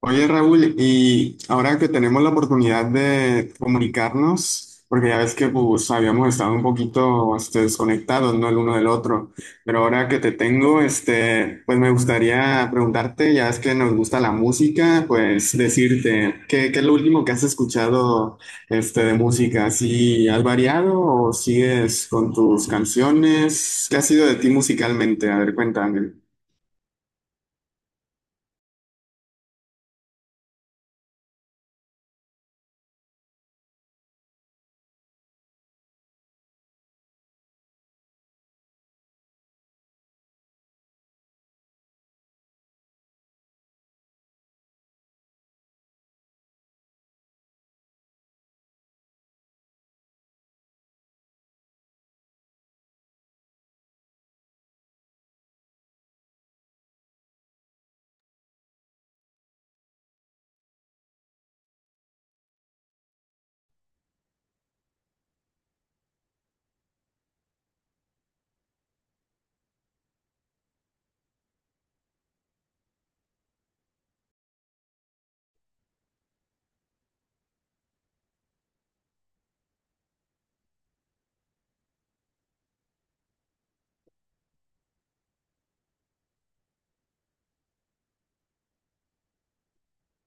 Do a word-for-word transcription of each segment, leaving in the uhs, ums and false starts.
Oye Raúl, y ahora que tenemos la oportunidad de comunicarnos, porque ya ves que pues, habíamos estado un poquito este, desconectados, ¿no? El uno del otro, pero ahora que te tengo, este, pues me gustaría preguntarte, ya ves que nos gusta la música, pues decirte, ¿qué, qué es lo último que has escuchado este, de música? ¿Si has variado o sigues con tus canciones? ¿Qué ha sido de ti musicalmente? A ver, cuéntame.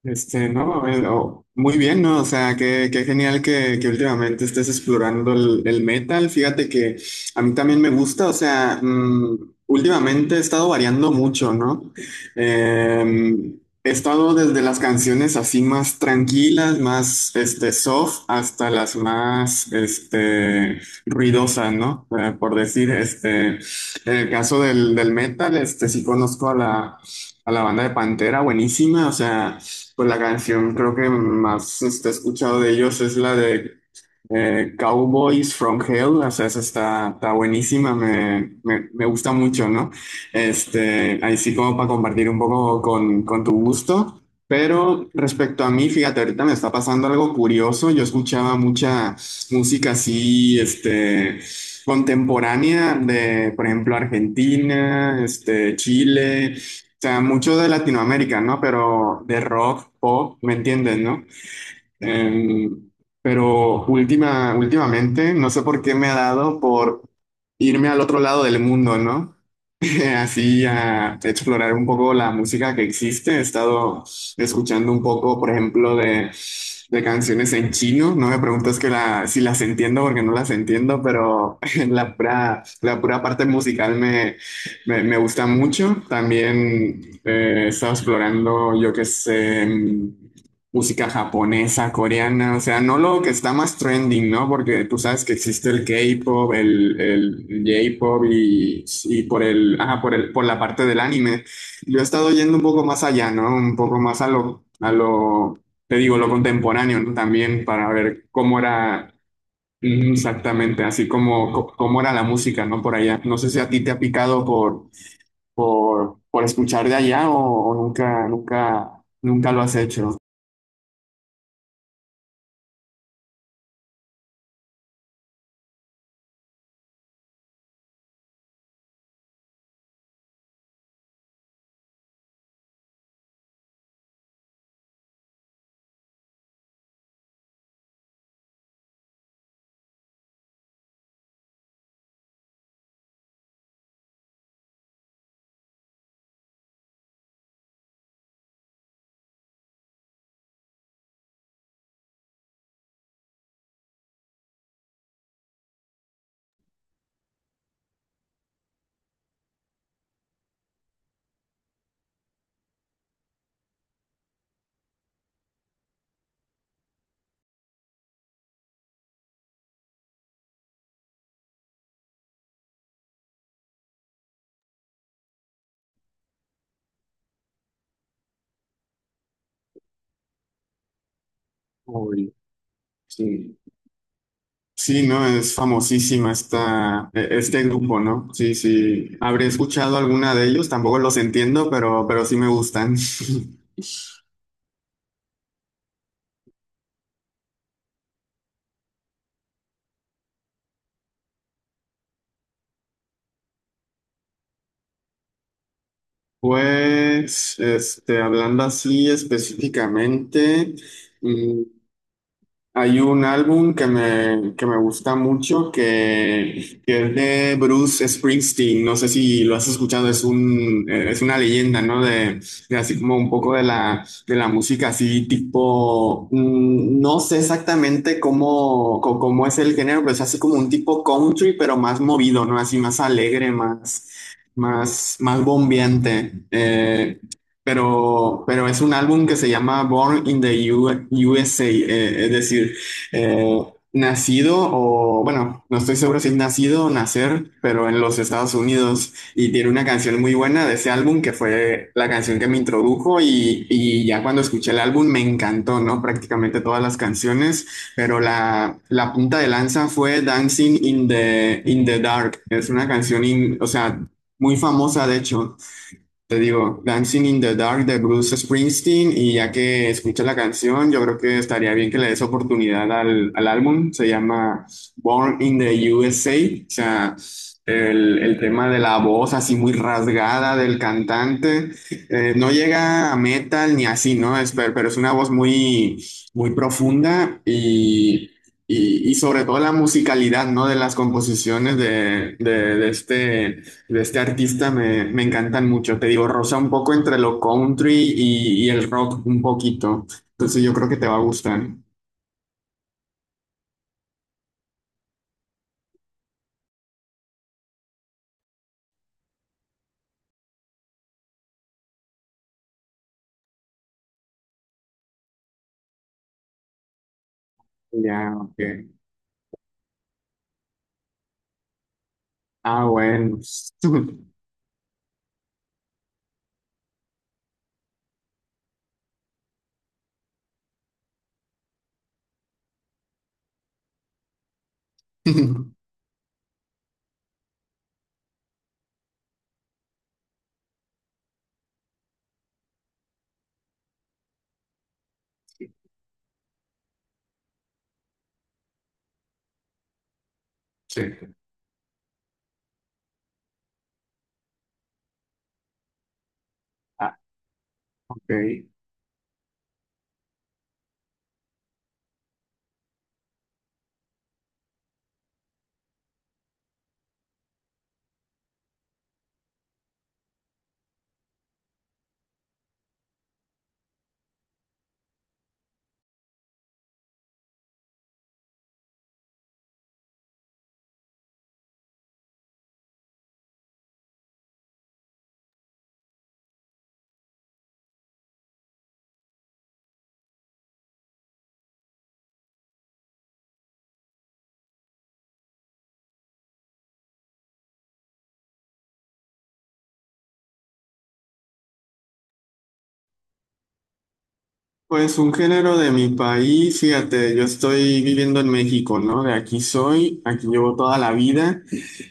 Este, no, eh, oh, muy bien, ¿no? O sea, qué, qué genial que, que últimamente estés explorando el, el metal. Fíjate que a mí también me gusta, o sea, mm, últimamente he estado variando mucho, ¿no? Eh, he estado desde las canciones así más tranquilas, más, este, soft, hasta las más, este, ruidosas, ¿no? Eh, por decir, este, en el caso del, del metal, este, sí conozco a la, a la banda de Pantera, buenísima, o sea. Pues la canción creo que más este, he escuchado de ellos es la de eh, Cowboys from Hell, o sea, esa está, está buenísima, me, me, me gusta mucho, ¿no? Este, ahí sí como para compartir un poco con, con tu gusto, pero respecto a mí, fíjate, ahorita me está pasando algo curioso, yo escuchaba mucha música así, este, contemporánea de, por ejemplo, Argentina, este, Chile. O sea, mucho de Latinoamérica, ¿no? Pero de rock, pop, ¿me entiendes, no? Eh, pero última, últimamente, no sé por qué me ha dado por irme al otro lado del mundo, ¿no? así a explorar un poco la música que existe. He estado escuchando un poco, por ejemplo, de, de canciones en chino. No me preguntes que la, si las entiendo porque no las entiendo, pero la pura, la pura parte musical me, me, me gusta mucho. También eh, he estado explorando, yo qué sé, música japonesa, coreana, o sea, no lo que está más trending, ¿no? Porque tú sabes que existe el K-pop, el, el J-pop y, y por el, ajá, por el, por la parte del anime. Yo he estado yendo un poco más allá, ¿no? Un poco más a lo, a lo, te digo, lo contemporáneo, ¿no? También para ver cómo era, mm, exactamente, así como, co- cómo era la música, ¿no? Por allá. No sé si a ti te ha picado por, por, por escuchar de allá o, o nunca, nunca, nunca lo has hecho. Sí. Sí, ¿no? Es famosísima esta, e- este grupo, ¿no? Sí, sí, habré escuchado alguna de ellos, tampoco los entiendo, pero, pero sí me gustan. Pues, este, hablando así específicamente, mm, hay un álbum que me, que me gusta mucho que, que es de Bruce Springsteen. No sé si lo has escuchado, es un, eh, es una leyenda, ¿no? De, de así como un poco de la, de la música así tipo, mm, no sé exactamente cómo, co- cómo es el género, pero es así como un tipo country, pero más movido, ¿no? Así más alegre, más, más, más bombeante. Eh, pero, pero es un álbum que se llama Born in the U- USA, eh, es decir, eh, nacido o, bueno, no estoy seguro si es nacido o nacer, pero en los Estados Unidos. Y tiene una canción muy buena de ese álbum que fue la canción que me introdujo y, y ya cuando escuché el álbum me encantó, ¿no? Prácticamente todas las canciones, pero la, la punta de lanza fue Dancing in the, in the Dark. Es una canción, in- o sea. Muy famosa, de hecho, te digo, Dancing in the Dark de Bruce Springsteen, y ya que escuchas la canción, yo creo que estaría bien que le des oportunidad al, al álbum. Se llama Born in the U S A, o sea, el, el tema de la voz así muy rasgada del cantante. Eh, no llega a metal ni así, ¿no? Es, pero, pero es una voz muy, muy profunda. Y, Y, y sobre todo la musicalidad, ¿no? De las composiciones de, de de este de este artista me, me encantan mucho. Te digo, rosa un poco entre lo country y, y el rock un poquito. Entonces yo creo que te va a gustar. Ya, ok. Ah, bueno. Sí. Ah, ok. Pues un género de mi país, fíjate, yo estoy viviendo en México, ¿no? De aquí soy, aquí llevo toda la vida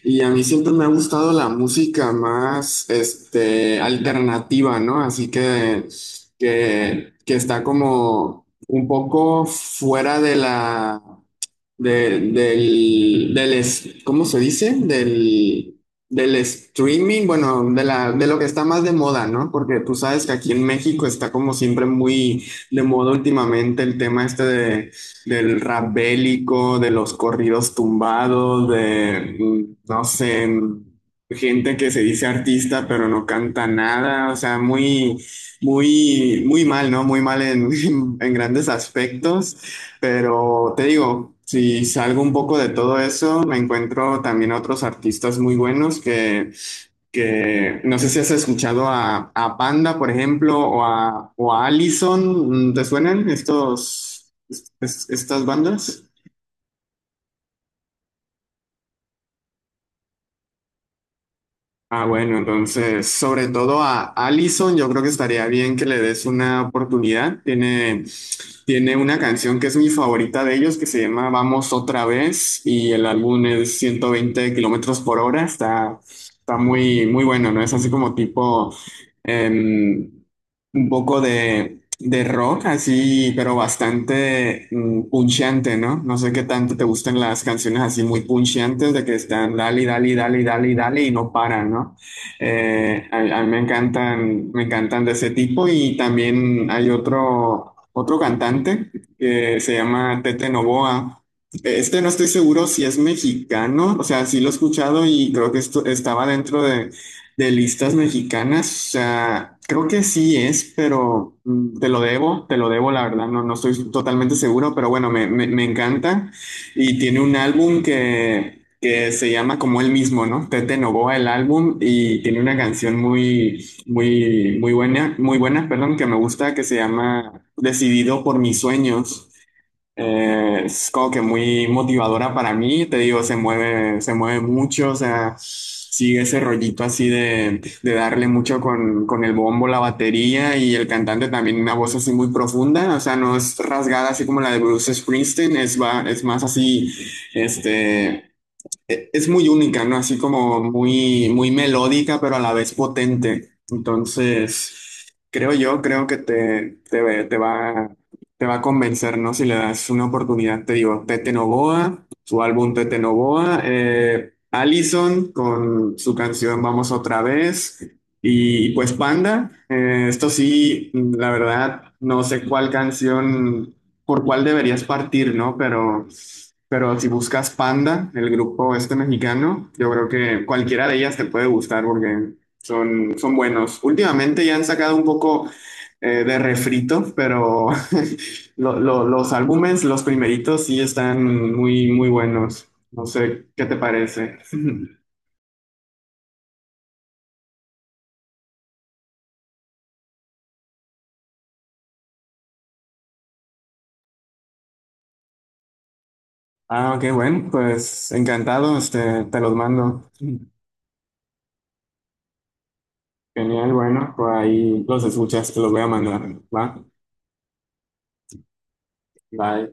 y a mí siempre me ha gustado la música más, este, alternativa, ¿no? Así que, que, que está como un poco fuera de la de- del, del es- ¿cómo se dice? Del, del streaming, bueno, de la, de lo que está más de moda, ¿no? Porque tú sabes que aquí en México está como siempre muy de moda últimamente el tema este de, del rap bélico, de los corridos tumbados, de, mm, no sé, gente que se dice artista pero no canta nada, o sea, muy, muy, muy mal, ¿no? Muy mal en en grandes aspectos. Pero te digo, si salgo un poco de todo eso, me encuentro también otros artistas muy buenos que, que no sé si has escuchado a, a Panda, por ejemplo, o a, o a Allison. ¿Te suenan estos, est- estas bandas? Ah, bueno, entonces, sobre todo a Allison, yo creo que estaría bien que le des una oportunidad. Tiene, tiene una canción que es mi favorita de ellos, que se llama Vamos otra vez, y el álbum es Ciento veinte kilómetros por hora. Está, está muy, muy bueno, ¿no? Es así como tipo, em, un poco de de rock, así, pero bastante, mm, puncheante, ¿no? No sé qué tanto te gustan las canciones así muy puncheantes, de que están dale, dale, dale, dale, dale y no paran, ¿no? Eh, a, a mí me encantan, me encantan de ese tipo, y también hay otro, otro cantante que se llama Tete Novoa. Eh, Este no estoy seguro si es mexicano, o sea, sí lo he escuchado y creo que esto estaba dentro de de listas mexicanas, o sea, creo que sí es, pero, mm, te lo debo, te lo debo, la verdad, no, no estoy totalmente seguro, pero bueno, me, me- me encanta. Y tiene un álbum que, que se llama como él mismo, ¿no? Tete Novoa, el álbum, y tiene una canción muy, muy, muy buena, muy buena, perdón, que me gusta, que se llama Decidido por mis sueños. Eh, es como que muy motivadora para mí, te digo, se mueve, se mueve mucho, o sea, sigue ese rollito así de, de darle mucho con, con el bombo, la batería, y el cantante también una voz así muy profunda, o sea, no es rasgada así como la de Bruce Springsteen, es, va- es más así, este e- es muy única, ¿no? Así como muy, muy melódica, pero a la vez potente. Entonces, creo yo, creo que te, te, ve- te va, te va a convencer, ¿no? Si le das una oportunidad, te digo, Tete Novoa, su álbum Tete Novoa, eh, Allison con su canción Vamos otra vez, y pues Panda, eh, esto sí, la verdad, no sé cuál canción, por cuál deberías partir, ¿no? Pero. Pero si buscas Panda, el grupo este mexicano, yo creo que cualquiera de ellas te puede gustar porque son, son buenos. Últimamente ya han sacado un poco, eh, de refritos, pero lo- lo- los álbumes, los primeritos, sí están muy, muy buenos. No sé qué te parece. Ah, ok, bueno, pues encantado, este, te los mando. Genial, bueno, pues ahí los escuchas, te los voy a mandar. Va, bye.